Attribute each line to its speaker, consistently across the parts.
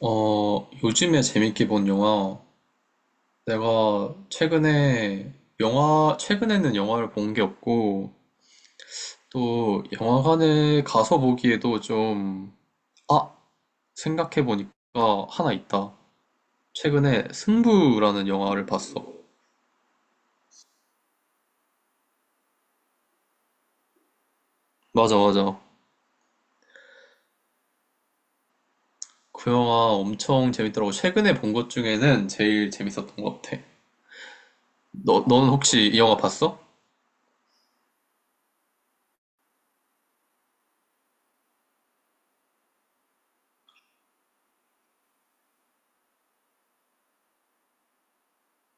Speaker 1: 어, 요즘에 재밌게 본 영화, 내가 최근에 영화, 최근에는 영화를 본 게 없고, 또 영화관에 가서 보기에도 좀, 아, 생각해보니까 하나 있다. 최근에 승부라는 영화를 봤어. 맞아, 맞아. 그 영화 엄청 재밌더라고. 최근에 본 것 중에는 제일 재밌었던 것 같아. 넌 혹시 이 영화 봤어?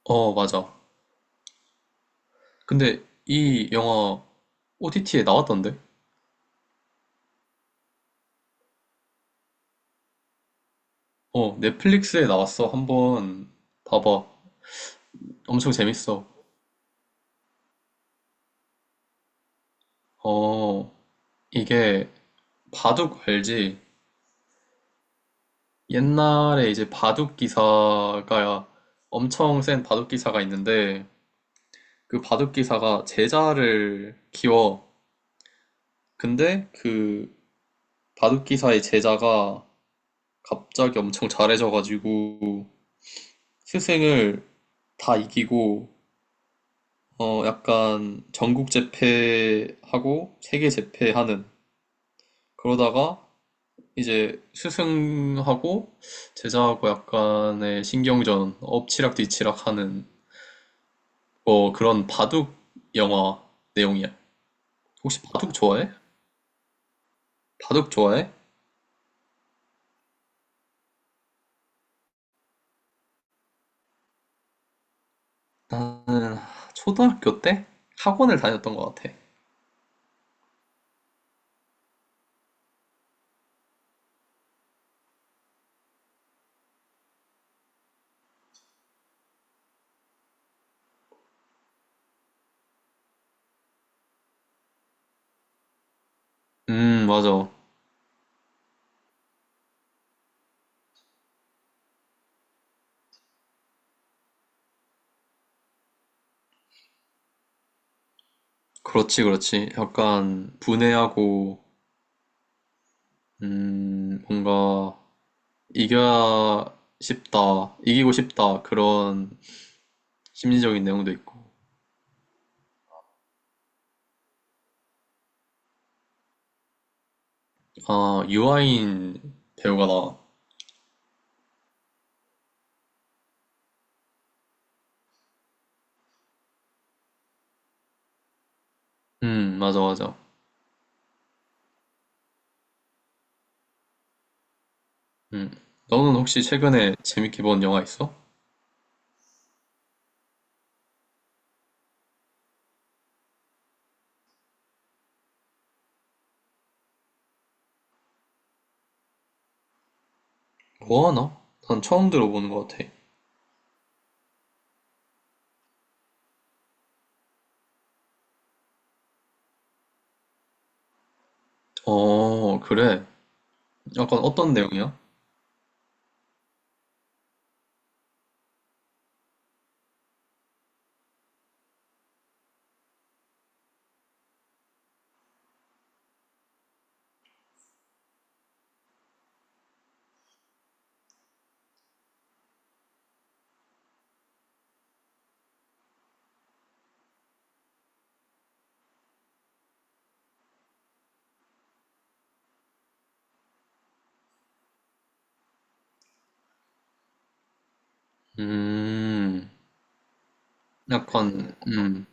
Speaker 1: 어, 맞아. 근데 이 영화 OTT에 나왔던데? 어, 넷플릭스에 나왔어. 한번 봐봐. 엄청 재밌어. 어, 이게 바둑 알지? 옛날에 이제 바둑 기사가 엄청 센 바둑 기사가 있는데 그 바둑 기사가 제자를 키워. 근데 그 바둑 기사의 제자가 갑자기 엄청 잘해져가지고 스승을 다 이기고 약간 전국 제패하고 세계 제패하는 그러다가 이제 스승하고 제자하고 약간의 신경전, 엎치락뒤치락 하는 뭐 그런 바둑 영화 내용이야. 혹시 바둑 좋아해? 바둑 좋아해? 나는 초등학교 때 학원을 다녔던 것 같아. 맞아. 그렇지, 그렇지. 약간 분해하고, 뭔가 이겨야 싶다, 이기고 싶다, 그런 심리적인 내용도 있고. 아, 유아인 배우가 나와. 맞아, 맞아. 음. 너는 혹시 최근에 재밌게 본 영화 있어? 뭐 하나? 난 처음 들어보는 것 같아. 어, 그래. 약간 어떤 내용이야? 음, 약간,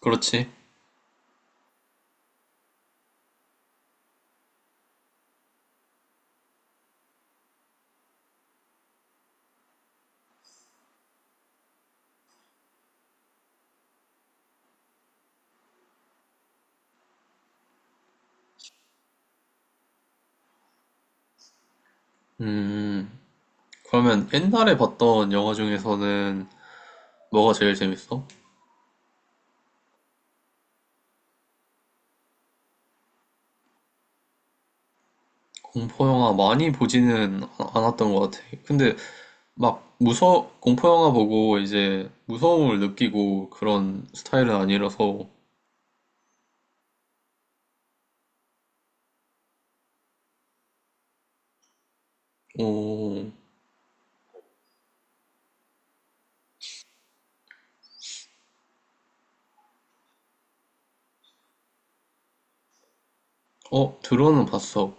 Speaker 1: 그렇지. 음, 그러면 옛날에 봤던 영화 중에서는 뭐가 제일 재밌어? 공포 영화 많이 보지는 않았던 것 같아. 근데 막 공포 영화 보고 이제 무서움을 느끼고 그런 스타일은 아니라서, 오, 어, 들어는 봤어.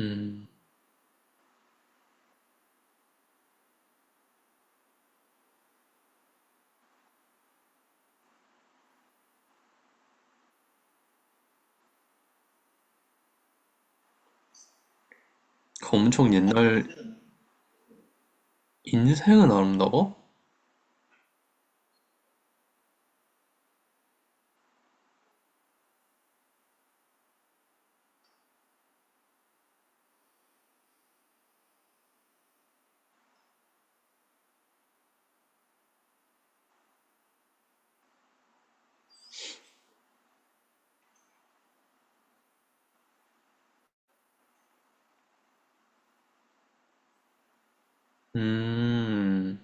Speaker 1: 음, 그 엄청 옛날 인생은 아름다워? 음,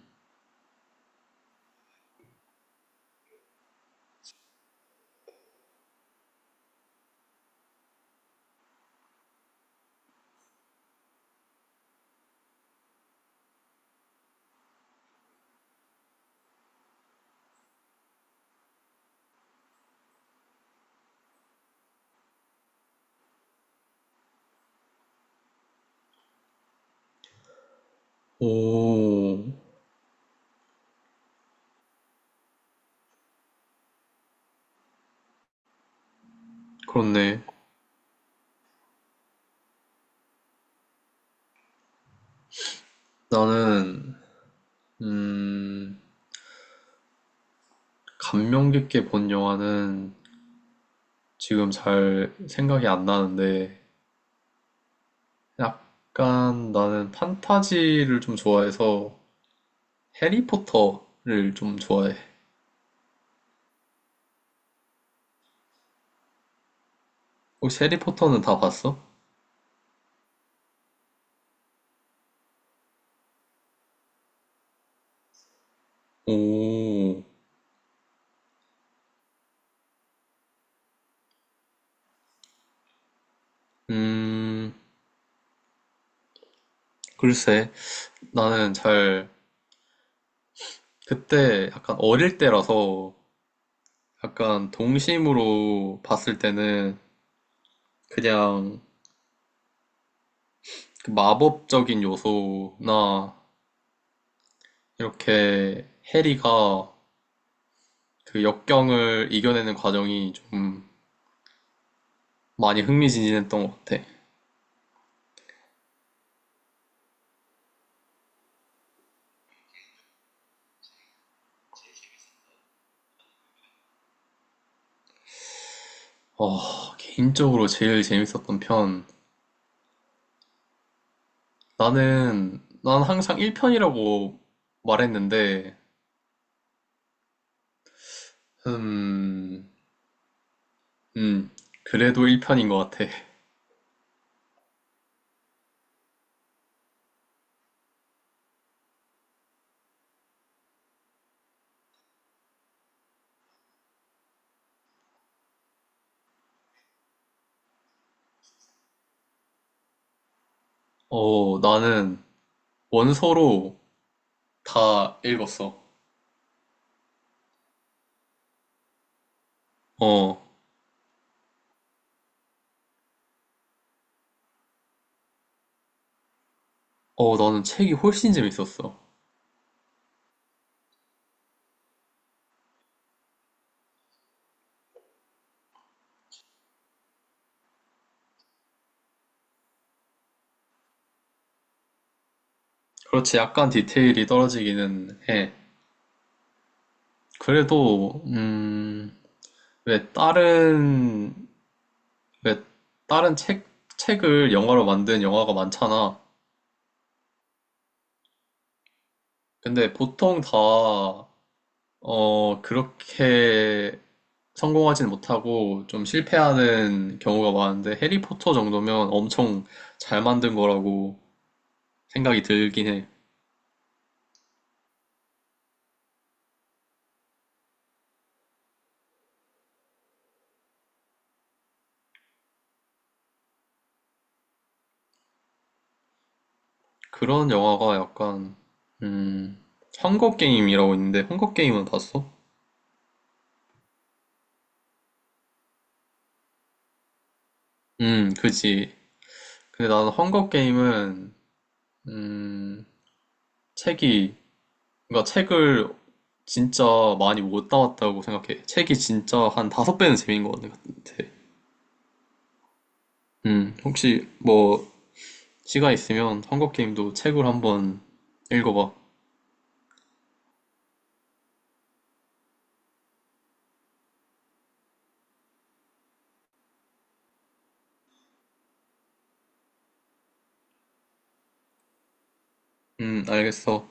Speaker 1: 오, 그렇네. 나는, 음, 감명 깊게 본 영화는 지금 잘 생각이 안 나는데, 약간 나는 판타지를 좀 좋아해서 해리포터를 좀 좋아해. 혹시 해리포터는 다 봤어? 오, 음, 글쎄, 나는 잘 그때 약간 어릴 때라서 약간 동심으로 봤을 때는 그냥 그 마법적인 요소나 이렇게 해리가 그 역경을 이겨내는 과정이 좀 많이 흥미진진했던 것 같아. 아, 개인적으로 제일 재밌었던 편. 난 항상 1편이라고 말했는데, 음, 음, 그래도 1편인 것 같아. 어, 나는 원서로 다 읽었어. 어, 어, 나는 책이 훨씬 재밌었어. 그렇지, 약간 디테일이 떨어지기는 해. 그래도, 왜 다른, 왜 다른 책을 영화로 만든 영화가 많잖아. 근데 보통 다, 그렇게 성공하진 못하고 좀 실패하는 경우가 많은데, 해리포터 정도면 엄청 잘 만든 거라고 생각이 들긴 해. 그런 영화가 약간 음 헝거 게임이라고 있는데 헝거 게임은 봤어? 그지. 근데 나는 헝거 게임은 음 책이 그러니까 책을 진짜 많이 못 담았다고 생각해. 책이 진짜 한 다섯 배는 재미인 것 같아. 혹시 뭐 시간 있으면 헝거 게임도 책을 한번 읽어봐. 알겠어.